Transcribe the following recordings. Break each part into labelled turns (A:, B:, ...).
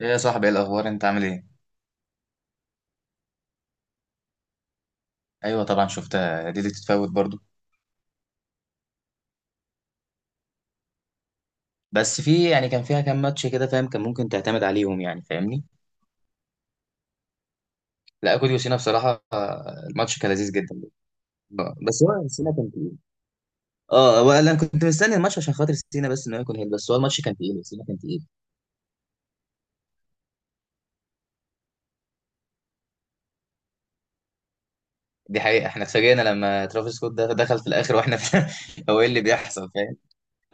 A: ايه يا صاحبي ايه الاخبار انت عامل ايه؟ ايوه طبعا شفتها، دي اللي تتفوت برضو. بس في يعني كان فيها كام ماتش كده فاهم، كان ممكن تعتمد عليهم يعني فاهمني. لا كوديو سينا بصراحه، الماتش كان لذيذ جدا. بس هو سينا كان تقيل. اه هو انا كنت مستني الماتش عشان خاطر سينا، بس انه يكون هيل، بس هو الماتش كان تقيل، سينا كان تقيل. دي حقيقه، احنا اتفاجئنا لما ترافيس سكوت دخل في الاخر واحنا في هو ايه اللي بيحصل فاهم.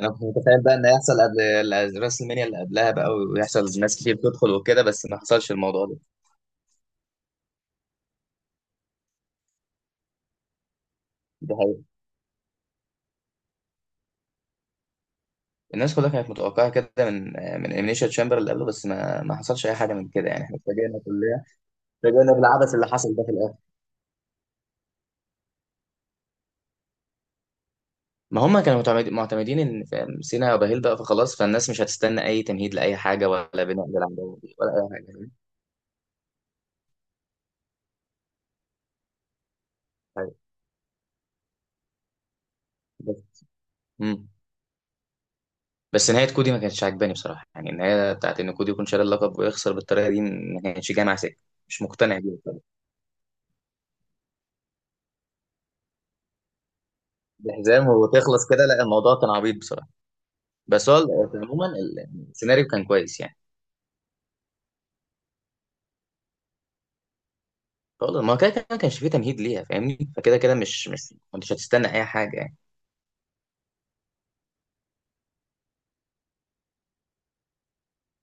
A: انا كنت متخيل بقى ان هيحصل قبل راس المنيا، اللي قبلها بقى. ويحصل ناس كتير تدخل وكده، بس ما حصلش الموضوع ده. دي الناس كلها كانت متوقعة كده من إليمينيشن تشامبر اللي قبله، بس ما حصلش أي حاجة من كده، يعني إحنا اتفاجئنا كلنا. اتفاجئنا بالعبث اللي حصل ده في الآخر. ما هم كانوا معتمدين إن فاهم، سينا وبهيل بقى، فخلاص فالناس مش هتستنى أي تمهيد لأي حاجة، ولا بناء للعداوة دي، ولا أي حاجة فاهم؟ بس مم. بس نهاية كودي ما كانتش عاجباني بصراحة، يعني النهاية بتاعت إن كودي يكون شاري اللقب ويخسر بالطريقة دي ما كانتش جاية مع سكة. مش مقتنع بيها بصراحة. بحزام وتخلص كده، لا الموضوع كان عبيط بصراحة. بس هو عموما السيناريو كان كويس يعني. خلاص، ما هو كده كده ما كانش فيه تمهيد ليها فاهمني، فكده كده مش ما انتش هتستنى اي حاجه يعني.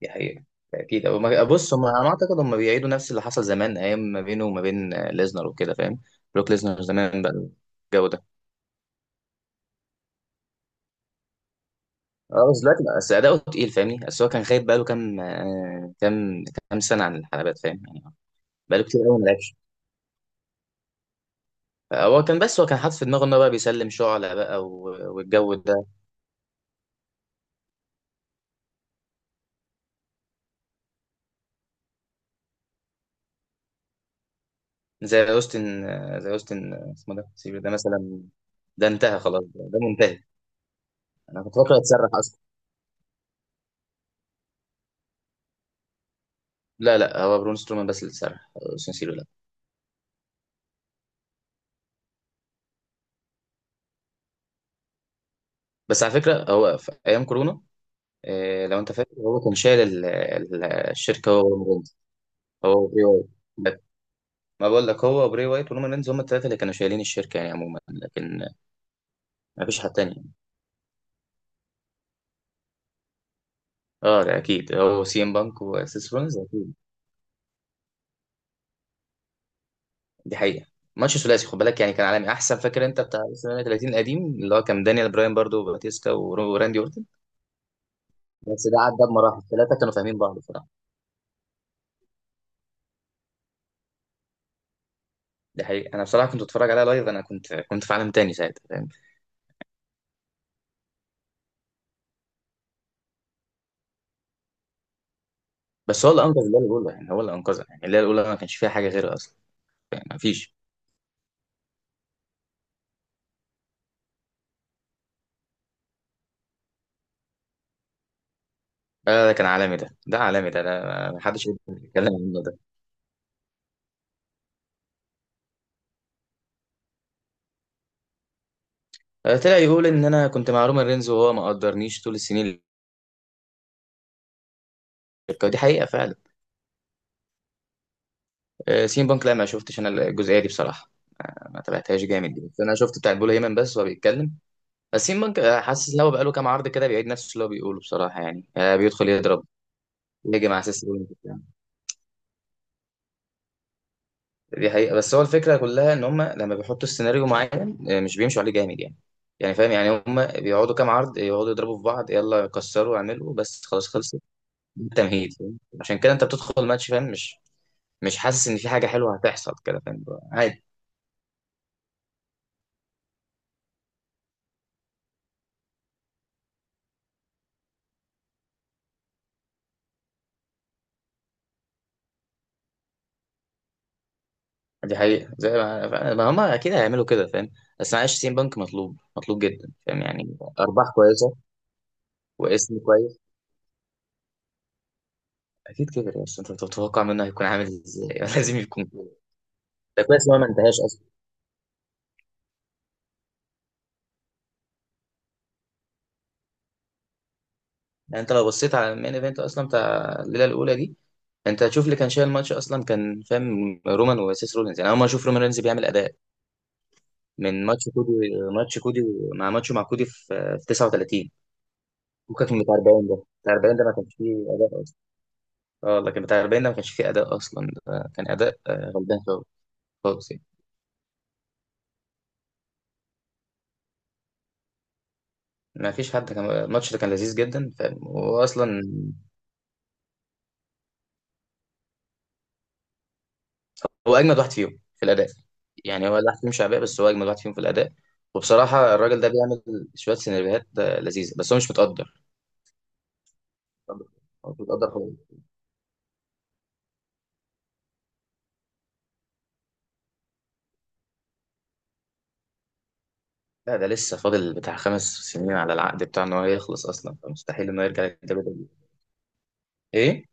A: دي حقيقه، اكيد. أو ما- بص هم، انا اعتقد هم بيعيدوا نفس اللي حصل زمان، ايام ما بينه وما بين ليزنر وكده فاهم. بروك ليزنر زمان بقى، الجو ده. اه بس بس اداؤه تقيل فاهمني، بس هو كان غايب بقاله كام، كام سنه عن الحلبات فاهم يعني. بقاله كتير قوي ما لعبش. هو كان، بس هو كان حاطط في دماغه ان هو بقى بيسلم شعلة بقى والجو ده. زي اوستن، اسمه ده سيبير ده مثلا. ده انتهى خلاص، ده منتهي. انا كنت فاكره هيتسرح اصلا. لا هو برون سترومان بس اللي اتسرح، سانسيرو لا. بس على فكره هو في ايام كورونا، لو انت فاكر هو كان شايل الشركه، هو ورومان رينز. هو وبري وايت. بس ما بقول لك، هو وبري وايت ورومان رينز هم الثلاثه اللي كانوا شايلين الشركه يعني عموما، لكن ما فيش حد تاني. اه ده اكيد هو سي ام بانك وسيس رولينز اكيد. دي حقيقه. ماتش ثلاثي خد بالك، يعني كان عالمي، احسن فاكر انت بتاع WrestleMania 30 القديم اللي هو كان دانيال براين برضو وباتيستا وراندي اورتن. بس ده عدى بمراحل، ثلاثه كانوا فاهمين بعض. ده حقيقي، انا بصراحه كنت بتفرج عليها لايف، انا كنت في عالم تاني ساعتها فاهم. بس هو اللي انقذ الليله الاولى، يعني هو اللي انقذها، يعني الليله الاولى ما كانش فيها حاجه غيره اصلا، يعني ما فيش. آه ده كان عالمي، ده عالمي، ده ما حدش يتكلم عنه ده. آه طلع يقول ان انا كنت مع رومان رينز وهو ما قدرنيش طول السنين دي حقيقه فعلا. آه سين بانك، لا ما شفتش انا الجزئيه دي بصراحه، ما تابعتهاش جامد دي، بس انا شفت بتاع بول هيمن بس وهو بيتكلم. بس سين بانك، حاسس ان هو بقاله كام عرض كده بيعيد نفس اللي هو بيقوله بصراحه، يعني بيدخل يضرب، يهجم على اساس. دي حقيقة، بس هو الفكرة كلها ان هم لما بيحطوا السيناريو معين، مش بيمشوا عليه جامد يعني، يعني فاهم يعني هم بيقعدوا كام عرض يقعدوا يضربوا في بعض، يلا كسروا اعملوا بس خلاص خلصت. ده تمهيد فاهم؟ عشان كده انت بتدخل الماتش فاهم، مش حاسس ان في حاجة حلوة هتحصل كده فاهم. عادي. دي حقيقة، زي ما هم اكيد هيعملوا كده فاهم، بس معلش سين بنك مطلوب، مطلوب جدا فاهم، يعني ارباح كويسة واسم كويس. اكيد كبر، بس انت بتتوقع منه هيكون عامل ازاي لازم يكون كده. ده كويس ان هو ما انتهاش. يعني انت لو بصيت على المين ايفنت اصلا بتاع الليله الاولى دي، انت هتشوف اللي كان شايل الماتش اصلا كان فاهم رومان وسيس رولينز، يعني اول ما اشوف رومان رينز بيعمل اداء من ماتش كودي، ماتش كودي، مع ماتشه مع كودي في 39. فكك من بتاع 40 ده، بتاع 40 ده ما كانش فيه اداء اصلا. اه لكن بتاع 40 ده ما كانش فيه اداء اصلا، ده كان اداء غلبان خالص، خالص يعني. ما فيش حد، كان الماتش ده كان لذيذ جدا فاهم واصلا. هو اجمد واحد فيهم في الاداء، يعني هو الواحد فيهم شعبيه بس هو اجمد واحد فيهم في الاداء. وبصراحه الراجل ده بيعمل شويه سيناريوهات لذيذه، بس هو مش متقدر، هو مش متقدر خالص. لا ده لسه فاضل بتاع 5 سنين على العقد بتاعه ان هو يخلص اصلا، فمستحيل انه يرجع للدبليو ايه.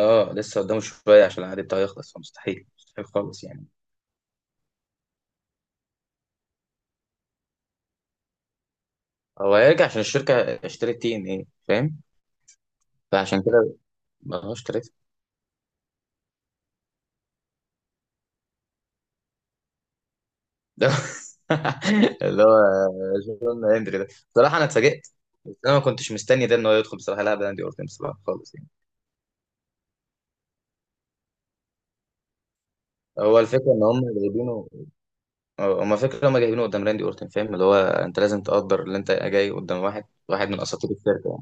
A: اه لسه قدامه شويه عشان العقد بتاعه يخلص، فمستحيل مستحيل خالص يعني. هو هيرجع عشان الشركه اشترت تي ان ايه فاهم، فعشان كده ما هو اشترت ده اللي هو جون هندري ده، بصراحه انا اتفاجئت. بس انا ما كنتش مستني ده ان هو يدخل بصراحه يلعب راندي اورتن بصراحه خالص يعني. هو الفكره ان هم جايبينه، هم فكره هم جايبينه قدام راندي اورتن فاهم، اللي هو انت لازم تقدر اللي انت جاي قدام واحد، واحد من اساطير الشركه يعني.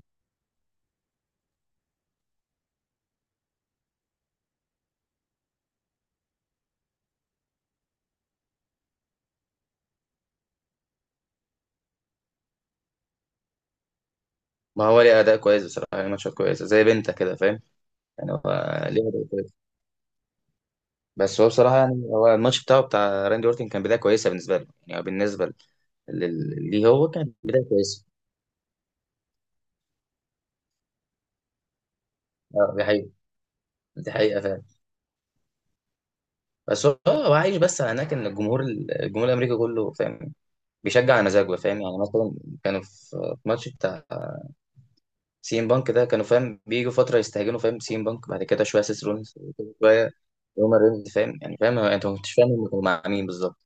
A: ما هو ليه اداء كويس بصراحه يعني، ماتشات كويسه زي بنتا كده فاهم، يعني هو ليه اداء كويس. بس هو بصراحه يعني هو الماتش بتاعه بتاع راندي اورتن كان بدايه كويسه بالنسبه له، يعني بالنسبه ليه هو كان بدايه كويسه. اه دي حقيقه، دي حقيقه. بس هو، هو عايش بس على هناك ان الجمهور، الجمهور الامريكي كله فاهم بيشجع على مزاجه فاهم، يعني مثلا كانوا في ماتش بتاع سي ام بانك ده، كانوا فاهم بيجوا فتره يستهجنوا فاهم سي ام بانك، بعد كده شويه سيس رولينز، شويه رومان رينز فاهم يعني فاهم انت ما كنتش فاهم هم كانوا مع مين بالظبط.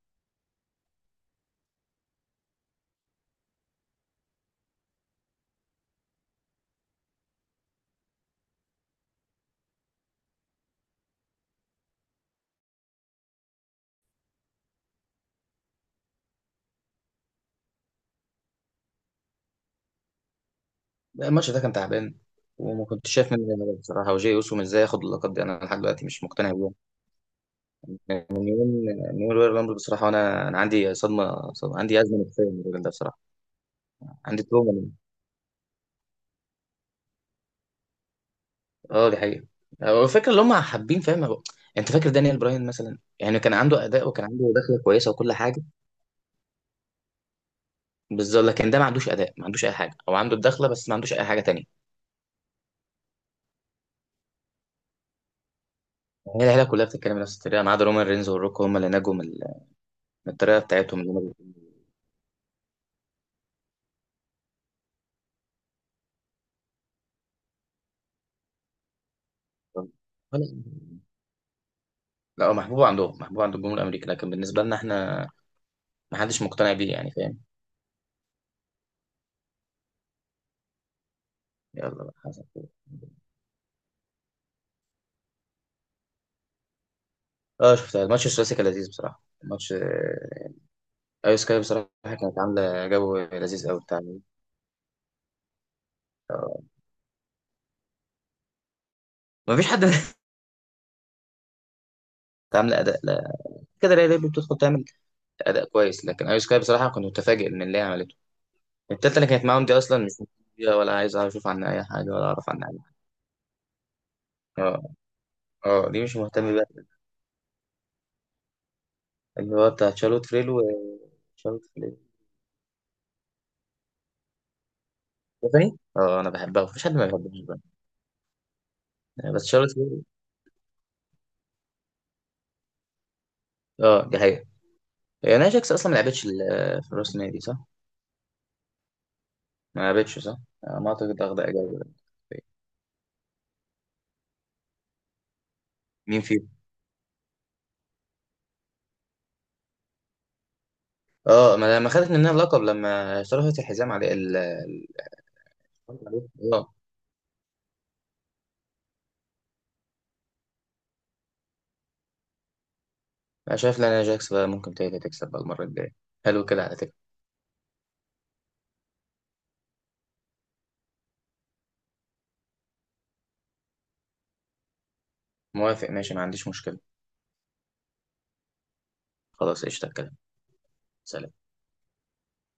A: الماتش ده كان تعبان، وما كنتش شايف منه غير بصراحه وجاي اوسو ازاي ياخد اللقب، دي انا لحد دلوقتي مش مقتنع بيه. من يوم من يوم رويال رامبل بصراحه، وانا عندي صدمة، عندي ازمه نفسيه من الراجل ده بصراحه، عندي تروما. اه دي حقيقة، هو فاكر اللي هم حابين فاهم انت فاكر دانيال براين مثلا يعني كان عنده اداء وكان عنده دخله كويسه وكل حاجه. بالظبط، لكن ده ما عندوش اداء، ما عندوش اي حاجه، او عنده الدخله بس ما عندوش اي حاجه تانية. هي العيله كلها بتتكلم نفس الطريقه ما عدا رومان رينز والروك، هم اللي نجوا من من الطريقه بتاعتهم اللي هم بيقولوا. ولا- لا هو محبوب عندهم، محبوب عند الجمهور الامريكي، لكن بالنسبه لنا احنا ما حدش مقتنع بيه يعني فاهم. يلا بقى حسن. اه شفتها، الماتش الثلاثي كان لذيذ بصراحه، الماتش، ايو سكاي بصراحه كانت عامله جو لذيذ قوي بتاع. آه، مفيش حد عامل اداء، لا كده ليه، ليه بتدخل تعمل اداء كويس، لكن ايو سكاي بصراحه كنت متفاجئ من اللي هي عملته. التالتة اللي كانت معاهم دي اصلا مش مهتمة، ولا عايز اعرف اشوف عنها اي حاجه ولا اعرف عنها اي حاجه. اه، اه دي مش مهتم بيها. اللي هو بتاع شارلوت فريلو و شارلوت فريلو ستيفاني، اه انا بحبها مفيش حد ما بيحبهاش بقى. بس شارلوت فريلو. اه دي حقيقه. هي ناجكس اصلا ما لعبتش في راس النادي صح؟ ما لعبتش صح؟ ما اعتقد اخد اجابه. مين فيهم؟ اه، ما لما خدت منها اللقب لما اشتركت الحزام عليه فهمت عليك؟ اه. انا شايف لانا جاكس بقى ممكن تقدر تكسب بقى المره الجايه، حلو كده على فكره. موافق ماشي ما عنديش مشكله. خلاص قشطه الكلام، سلام.